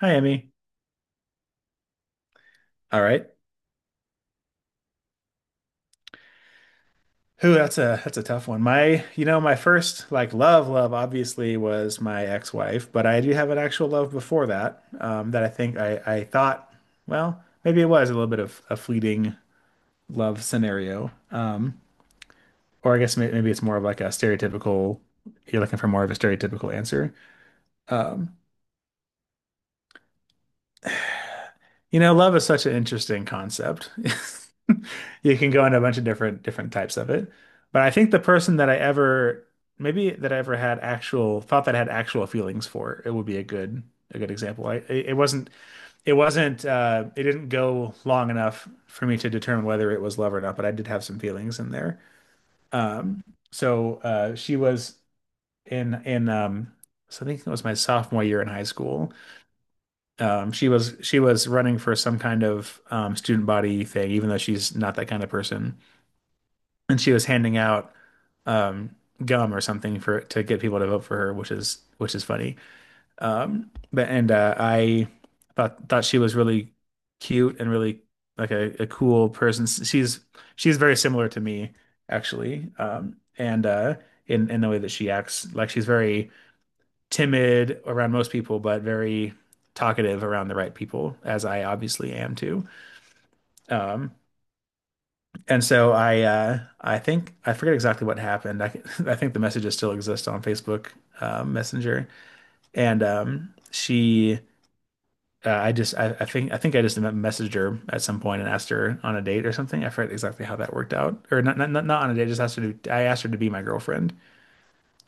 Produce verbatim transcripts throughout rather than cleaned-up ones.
Hi, Emmy. All right. Who, that's a that's a tough one. My, you know, my first like love, love obviously was my ex-wife, but I do have an actual love before that. Um, that I think I I thought, well, maybe it was a little bit of a fleeting love scenario. Um, or I guess may- maybe it's more of like a stereotypical. You're looking for more of a stereotypical answer. Um, You know, love is such an interesting concept. You can go into a bunch of different different types of it. But I think the person that I ever maybe that I ever had actual thought that I had actual feelings for, it would be a good a good example. I it it wasn't it wasn't uh it didn't go long enough for me to determine whether it was love or not, but I did have some feelings in there. Um so uh she was in in um so I think it was my sophomore year in high school. Um, she was she was running for some kind of um, student body thing, even though she's not that kind of person. And she was handing out um, gum or something for to get people to vote for her, which is which is funny. Um, but and uh, I thought thought she was really cute and really like a, a cool person. She's she's very similar to me actually, um, and uh, in in the way that she acts. Like, she's very timid around most people, but very talkative around the right people, as I obviously am too. Um, and so I, uh, I think I forget exactly what happened. I, I think the messages still exist on Facebook uh, Messenger, and um, she. Uh, I just, I, I think, I think I just messaged her at some point and asked her on a date or something. I forget exactly how that worked out. Or not, not, not on a date. Just asked her to, I asked her to be my girlfriend.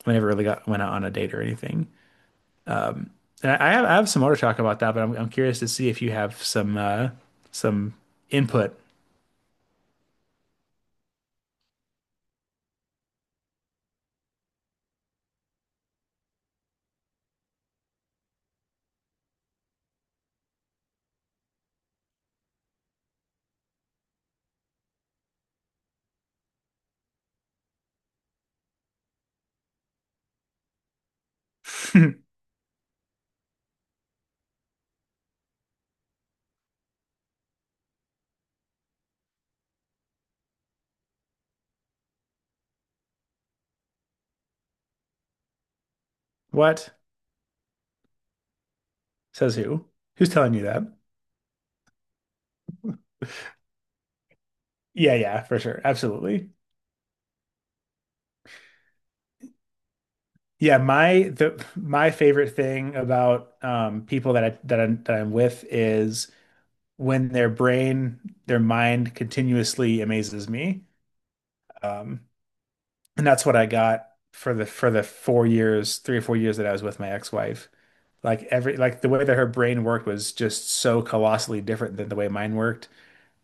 We never really got went out on a date or anything. And I have I have some more to talk about that, but I'm I'm curious to see if you have some uh some input. What? Says who? Who's telling you that? Yeah, yeah, for sure. Absolutely. Yeah, my the my favorite thing about um people that I that I'm that I'm with is when their brain, their mind continuously amazes me. Um, and that's what I got for the for the four years, three or four years that I was with my ex-wife. Like, every like the way that her brain worked was just so colossally different than the way mine worked.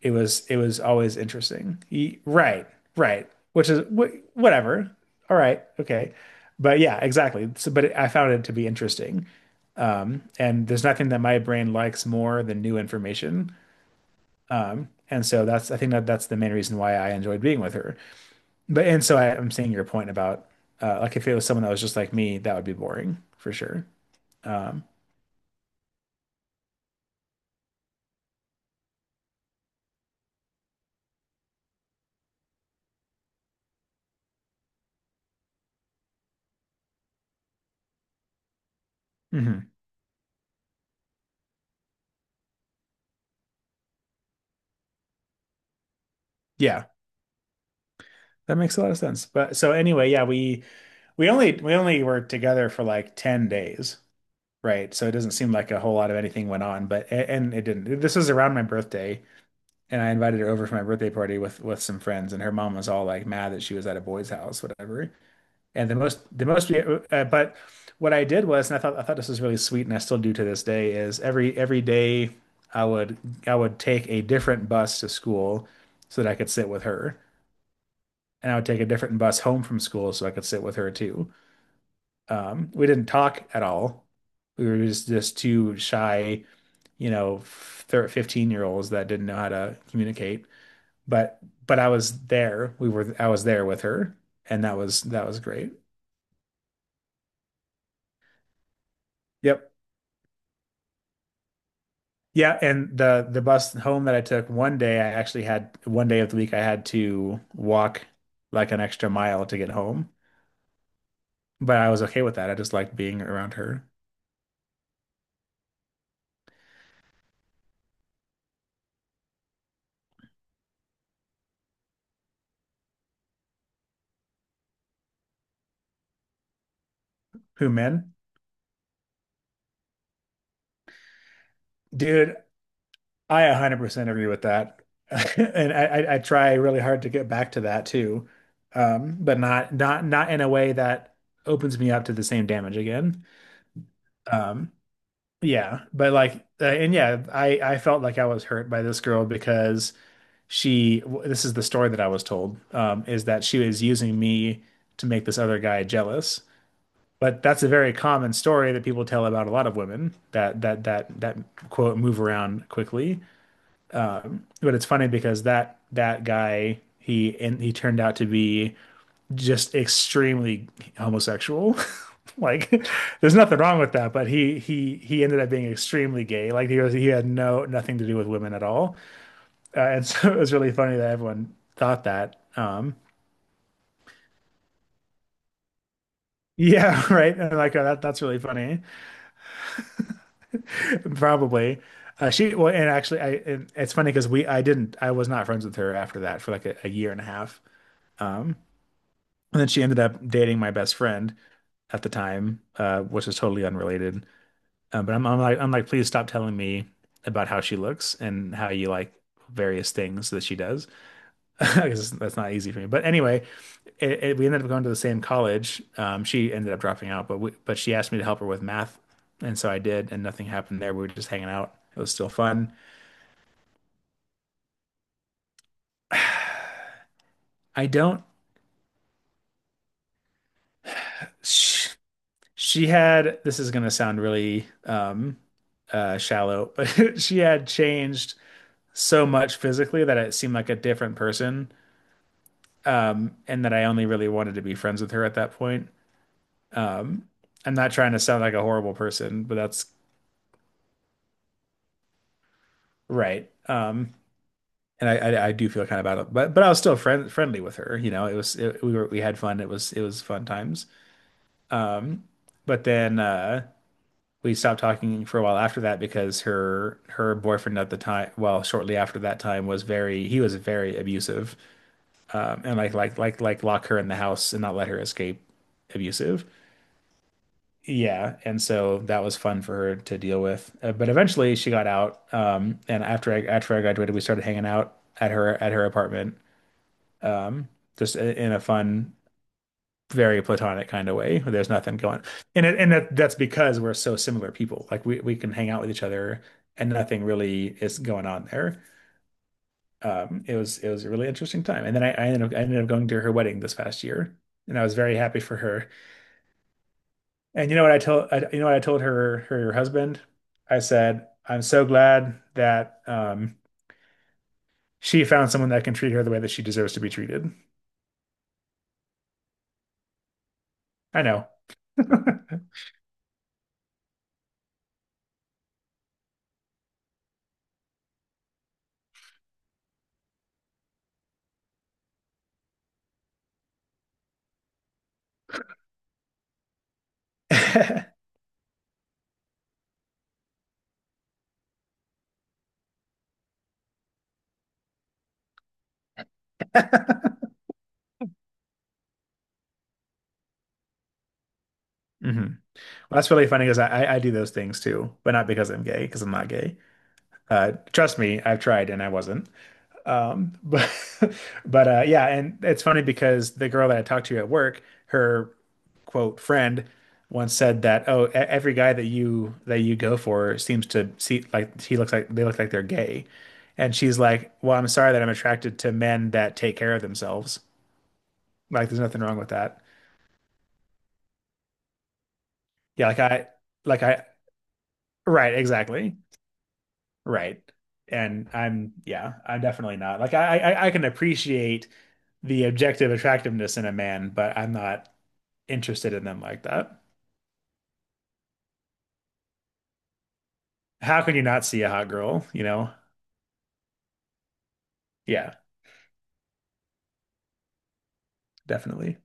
It was it was always interesting. Y- Right, right. Which is wh Whatever. All right. Okay. But yeah, exactly. So, but it, I found it to be interesting. Um, and there's nothing that my brain likes more than new information. Um, and so that's I think that that's the main reason why I enjoyed being with her. But and so I, I'm seeing your point about uh, like, if it was someone that was just like me, that would be boring for sure. Um, mhm. Yeah. That makes a lot of sense. But so anyway, yeah, we we only we only were together for like ten days, right? So it doesn't seem like a whole lot of anything went on, but a- and it didn't. This was around my birthday, and I invited her over for my birthday party with with some friends, and her mom was all like mad that she was at a boy's house, whatever. And the most the most we, uh, but what I did was, and I thought I thought this was really sweet, and I still do to this day, is every every day I would I would take a different bus to school so that I could sit with her, and I would take a different bus home from school so I could sit with her too. Um, we didn't talk at all. We were just just two shy, you know, fifteen year olds that didn't know how to communicate. But but I was there. We were I was there with her, and that was that was great. Yep. Yeah, and the the bus home that I took one day, I actually had one day of the week I had to walk like an extra mile to get home, but I was okay with that. I just liked being around her. Who, men? Dude, I one hundred percent agree with that. And I, I, I try really hard to get back to that too. Um, but not not not in a way that opens me up to the same damage again. Um, yeah, but like uh, and yeah, I I felt like I was hurt by this girl because she w- this is the story that I was told, um, is that she was using me to make this other guy jealous. But that's a very common story that people tell about a lot of women that that that that quote move around quickly. But it's funny because that that guy, he and he turned out to be just extremely homosexual. Like, there's nothing wrong with that, but he he he ended up being extremely gay. Like, he was he had no nothing to do with women at all. Uh, and so it was really funny that everyone thought that. Um yeah, right. And like uh, that that's really funny. Probably. Uh, she well and actually I and it's funny because we I didn't I was not friends with her after that for like a, a year and a half. Um and then she ended up dating my best friend at the time, uh, which is totally unrelated. Uh, but I'm, I'm like, I'm like, please stop telling me about how she looks and how you like various things that she does. Because that's not easy for me. But anyway, it, it, we ended up going to the same college. Um, she ended up dropping out, but we, but she asked me to help her with math, and so I did, and nothing happened there. We were just hanging out. It was still fun. I don't. She, she had. This is gonna sound really um, uh, shallow, but she had changed so much physically that it seemed like a different person, um, and that I only really wanted to be friends with her at that point. Um, I'm not trying to sound like a horrible person, but that's right. Um, and I, I, I do feel kind of bad, but but I was still friend, friendly with her. You know, it was it, we were we had fun. It was it was fun times. But then uh, we stopped talking for a while after that because her her boyfriend at the time, well, shortly after that time, was very he was very abusive, um, and like like like like lock her in the house and not let her escape abusive. Yeah, and so that was fun for her to deal with. Uh, but eventually she got out. Um, and after I after I graduated, we started hanging out at her at her apartment. Um, just i- in a fun, very platonic kind of way. There's nothing going. And it, and that, that's because we're so similar people. Like, we we can hang out with each other and nothing really is going on there. Um, it was it was a really interesting time. And then I, I ended up I ended up going to her wedding this past year, and I was very happy for her. And you know what I told I, you know what I told her her husband? I said, I'm so glad that um she found someone that can treat her the way that she deserves to be treated. I know. Hmm. Well, that's really funny because, I, I I do those things too, but not because I'm gay, because I'm not gay. Uh, trust me, I've tried and I wasn't. Um, but but uh, yeah, and it's funny because the girl that I talked to at work, her quote friend once said that, oh, e- every guy that you that you go for seems to see like he looks like they look like they're gay. And she's like, well, I'm sorry that I'm attracted to men that take care of themselves. Like, there's nothing wrong with that. Yeah, like I like I Right, exactly. Right. And I'm Yeah, I'm definitely not. Like I I, I can appreciate the objective attractiveness in a man, but I'm not interested in them like that. How can you not see a hot girl, you know? Yeah, definitely.